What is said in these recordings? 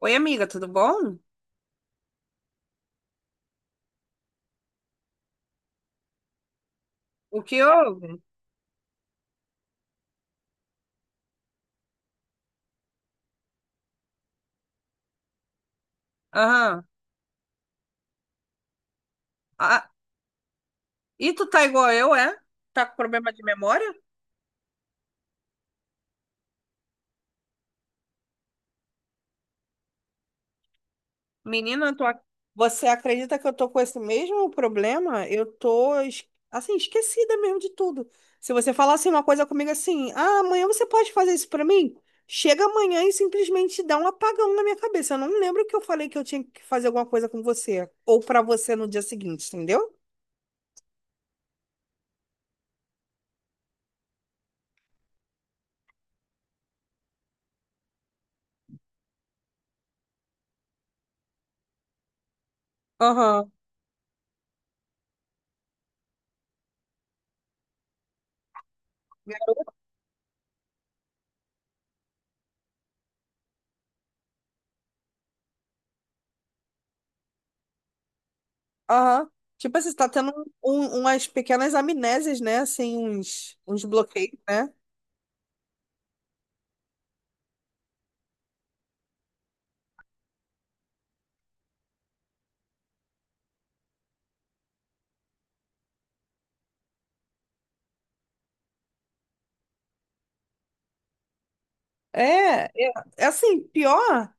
Oi, amiga, tudo bom? O que houve? Aham. Ah, e tu tá igual eu, é? Tá com problema de memória? Menina, você acredita que eu tô com esse mesmo problema? Eu tô, assim, esquecida mesmo de tudo. Se você falar assim uma coisa comigo assim, ah, amanhã você pode fazer isso pra mim? Chega amanhã e simplesmente dá um apagão na minha cabeça. Eu não lembro que eu falei que eu tinha que fazer alguma coisa com você. Ou pra você no dia seguinte, entendeu? Aham. Aham. Tipo assim, você tá tendo umas pequenas amnésias, né? Assim, uns bloqueios, né? É, é, é, assim, pior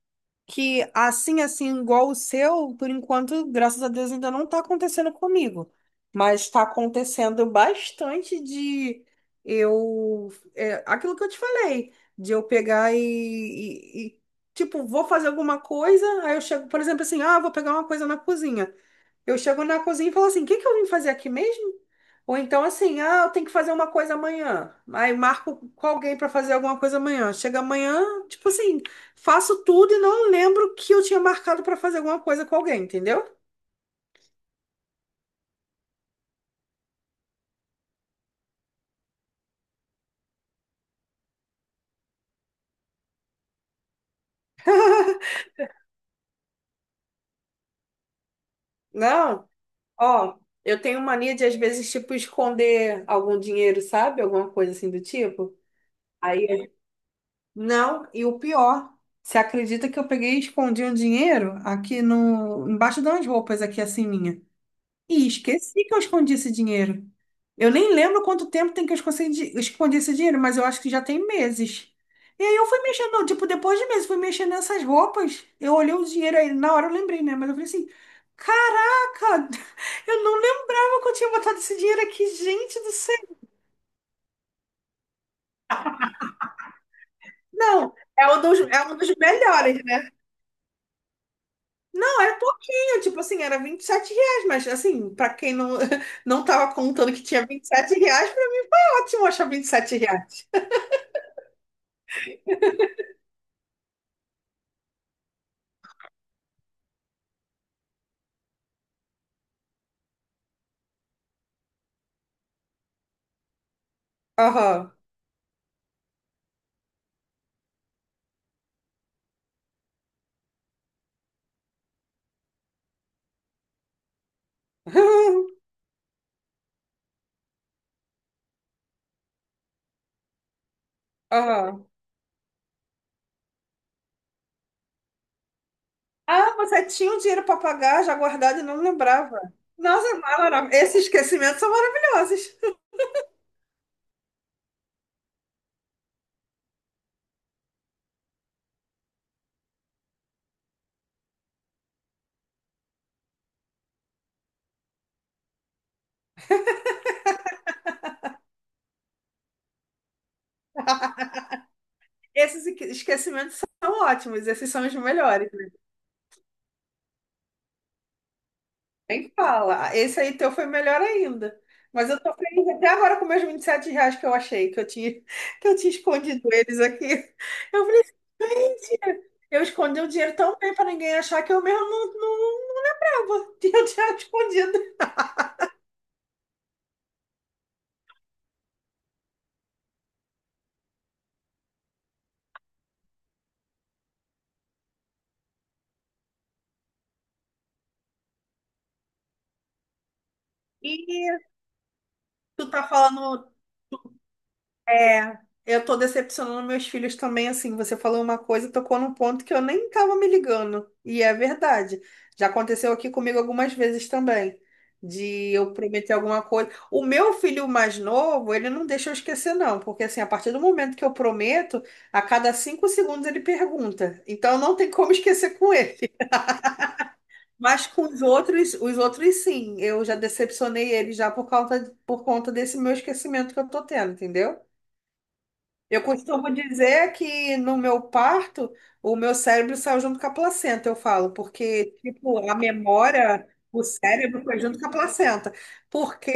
que assim, igual o seu, por enquanto, graças a Deus, ainda não tá acontecendo comigo. Mas tá acontecendo bastante de eu. É, aquilo que eu te falei, de eu pegar e, tipo, vou fazer alguma coisa, aí eu chego, por exemplo, assim, ah, vou pegar uma coisa na cozinha. Eu chego na cozinha e falo assim: o que que eu vim fazer aqui mesmo? Ou então assim, ah, eu tenho que fazer uma coisa amanhã. Aí marco com alguém para fazer alguma coisa amanhã. Chega amanhã, tipo assim, faço tudo e não lembro que eu tinha marcado para fazer alguma coisa com alguém, entendeu? Não, ó, eu tenho mania de às vezes tipo esconder algum dinheiro, sabe? Alguma coisa assim do tipo. Aí, não, e o pior, você acredita que eu peguei e escondi um dinheiro aqui no embaixo de umas roupas aqui assim minha? E esqueci que eu escondi esse dinheiro. Eu nem lembro quanto tempo tem que eu escondi esse dinheiro, mas eu acho que já tem meses. E aí eu fui mexendo, tipo, depois de meses, fui mexendo nessas roupas. Eu olhei o dinheiro aí, na hora eu lembrei, né? Mas eu falei assim: caraca, eu não lembrava que eu tinha botado esse dinheiro aqui, gente do céu. Não, é um dos melhores, né? Não, era pouquinho, tipo assim, era R$ 27, mas assim, pra quem não, não tava contando que tinha R$ 27, foi ótimo achar R$ 27. Aham. Aham. Ah, você tinha o dinheiro para pagar já guardado e não lembrava. Nossa, maravilhoso. Esses esquecimentos são maravilhosos. Esses esquecimentos são ótimos, esses são os melhores, né? Nem fala. Esse aí teu foi melhor ainda. Mas eu tô feliz até agora com meus R$ 27 que eu achei, que eu tinha, que eu tinha escondido eles aqui. Eu falei, assim, gente, eu escondi o dinheiro tão bem para ninguém achar que eu mesmo não lembrava. Eu tinha o dinheiro escondido. E tu tá falando. É, eu tô decepcionando meus filhos também, assim, você falou uma coisa, e tocou num ponto que eu nem tava me ligando, e é verdade. Já aconteceu aqui comigo algumas vezes também, de eu prometer alguma coisa. O meu filho mais novo, ele não deixa eu esquecer não, porque assim, a partir do momento que eu prometo, a cada 5 segundos ele pergunta. Então não tem como esquecer com ele. Mas com os outros sim, eu já decepcionei ele já por causa, por conta desse meu esquecimento que eu tô tendo, entendeu? Eu costumo dizer que no meu parto, o meu cérebro saiu junto com a placenta, eu falo, porque, tipo, a memória, o cérebro foi junto com a placenta. Porque,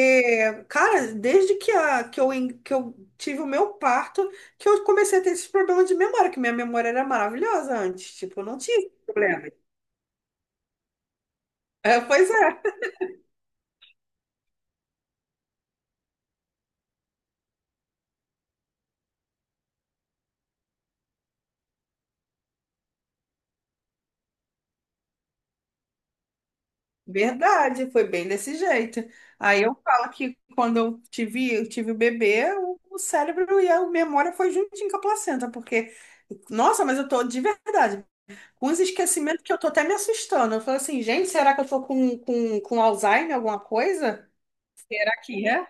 cara, desde que, a, que, eu, en- que eu tive o meu parto, que eu comecei a ter esses problemas de memória, que minha memória era maravilhosa antes, tipo, eu não tinha esse problema. É, pois é. Verdade, foi bem desse jeito. Aí eu falo que quando eu tive o bebê, o cérebro e a memória foi juntinho com a placenta, porque, nossa, mas eu tô de verdade, com os esquecimentos que eu tô até me assustando. Eu falo assim, gente, será que eu tô com Alzheimer, alguma coisa? Será que é?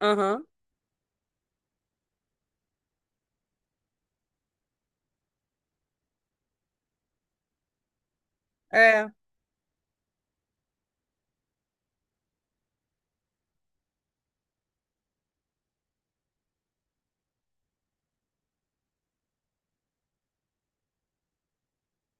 Aham. É.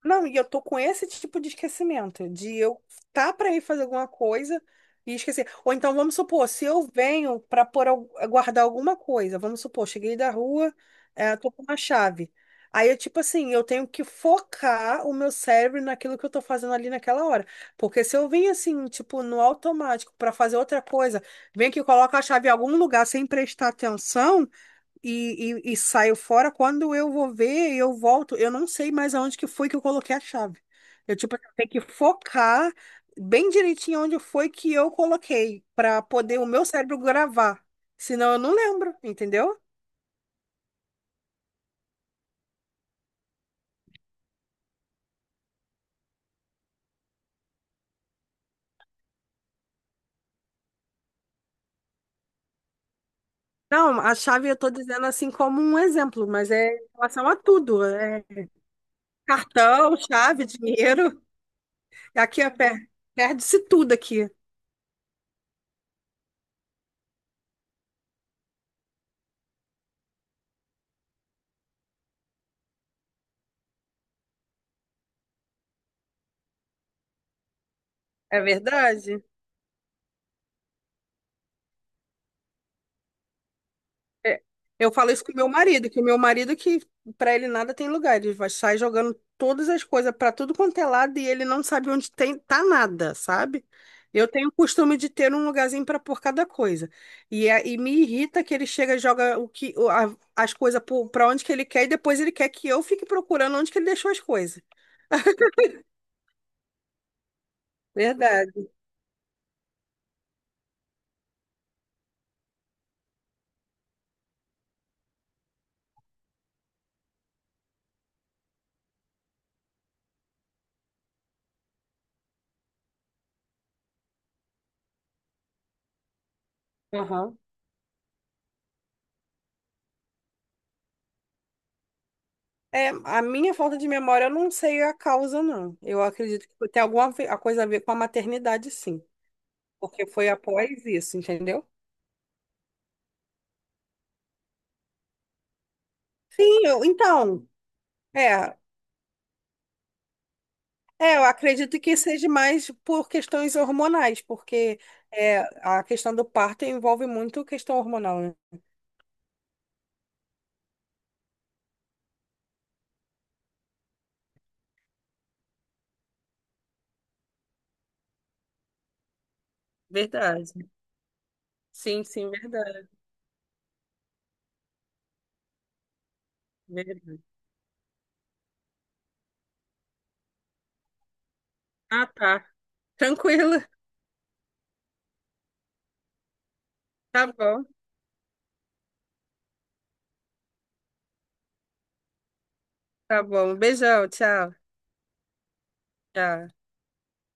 Não, e eu tô com esse tipo de esquecimento, de eu tá para ir fazer alguma coisa e esquecer. Ou então, vamos supor, se eu venho para pôr, guardar alguma coisa, vamos supor, cheguei da rua, tô com uma chave. Aí eu, tipo assim, eu tenho que focar o meu cérebro naquilo que eu tô fazendo ali naquela hora. Porque se eu vim assim, tipo, no automático para fazer outra coisa, vem que coloca a chave em algum lugar sem prestar atenção e saio fora. Quando eu vou ver, eu volto. Eu não sei mais aonde que foi que eu coloquei a chave. Eu, tipo, assim, tenho que focar bem direitinho onde foi que eu coloquei, para poder o meu cérebro gravar. Senão eu não lembro, entendeu? Não, a chave eu tô dizendo assim como um exemplo, mas é em relação a tudo. É cartão, chave, dinheiro. Aqui é perde-se tudo aqui. É verdade? É, eu falo isso com meu marido, que o meu marido que para ele nada tem lugar, ele vai sair jogando todas as coisas para tudo quanto é lado e ele não sabe onde tem tá nada, sabe? Eu tenho o costume de ter um lugarzinho para pôr cada coisa. E me irrita que ele chega e joga o que o- a- as coisas para onde que ele quer e depois ele quer que eu fique procurando onde que ele deixou as coisas. Verdade. Aham. É, a minha falta de memória eu não sei a causa, não. Eu acredito que tem alguma a coisa a ver com a maternidade, sim. Porque foi após isso, entendeu? Sim, então, É, é, eu acredito que seja mais por questões hormonais, porque é, a questão do parto envolve muito questão hormonal, né? Verdade. Sim, sim, verdade. Verdade. Ah, tá. Tranquilo. Tá bom, tá bom. Beijão, tchau, tchau.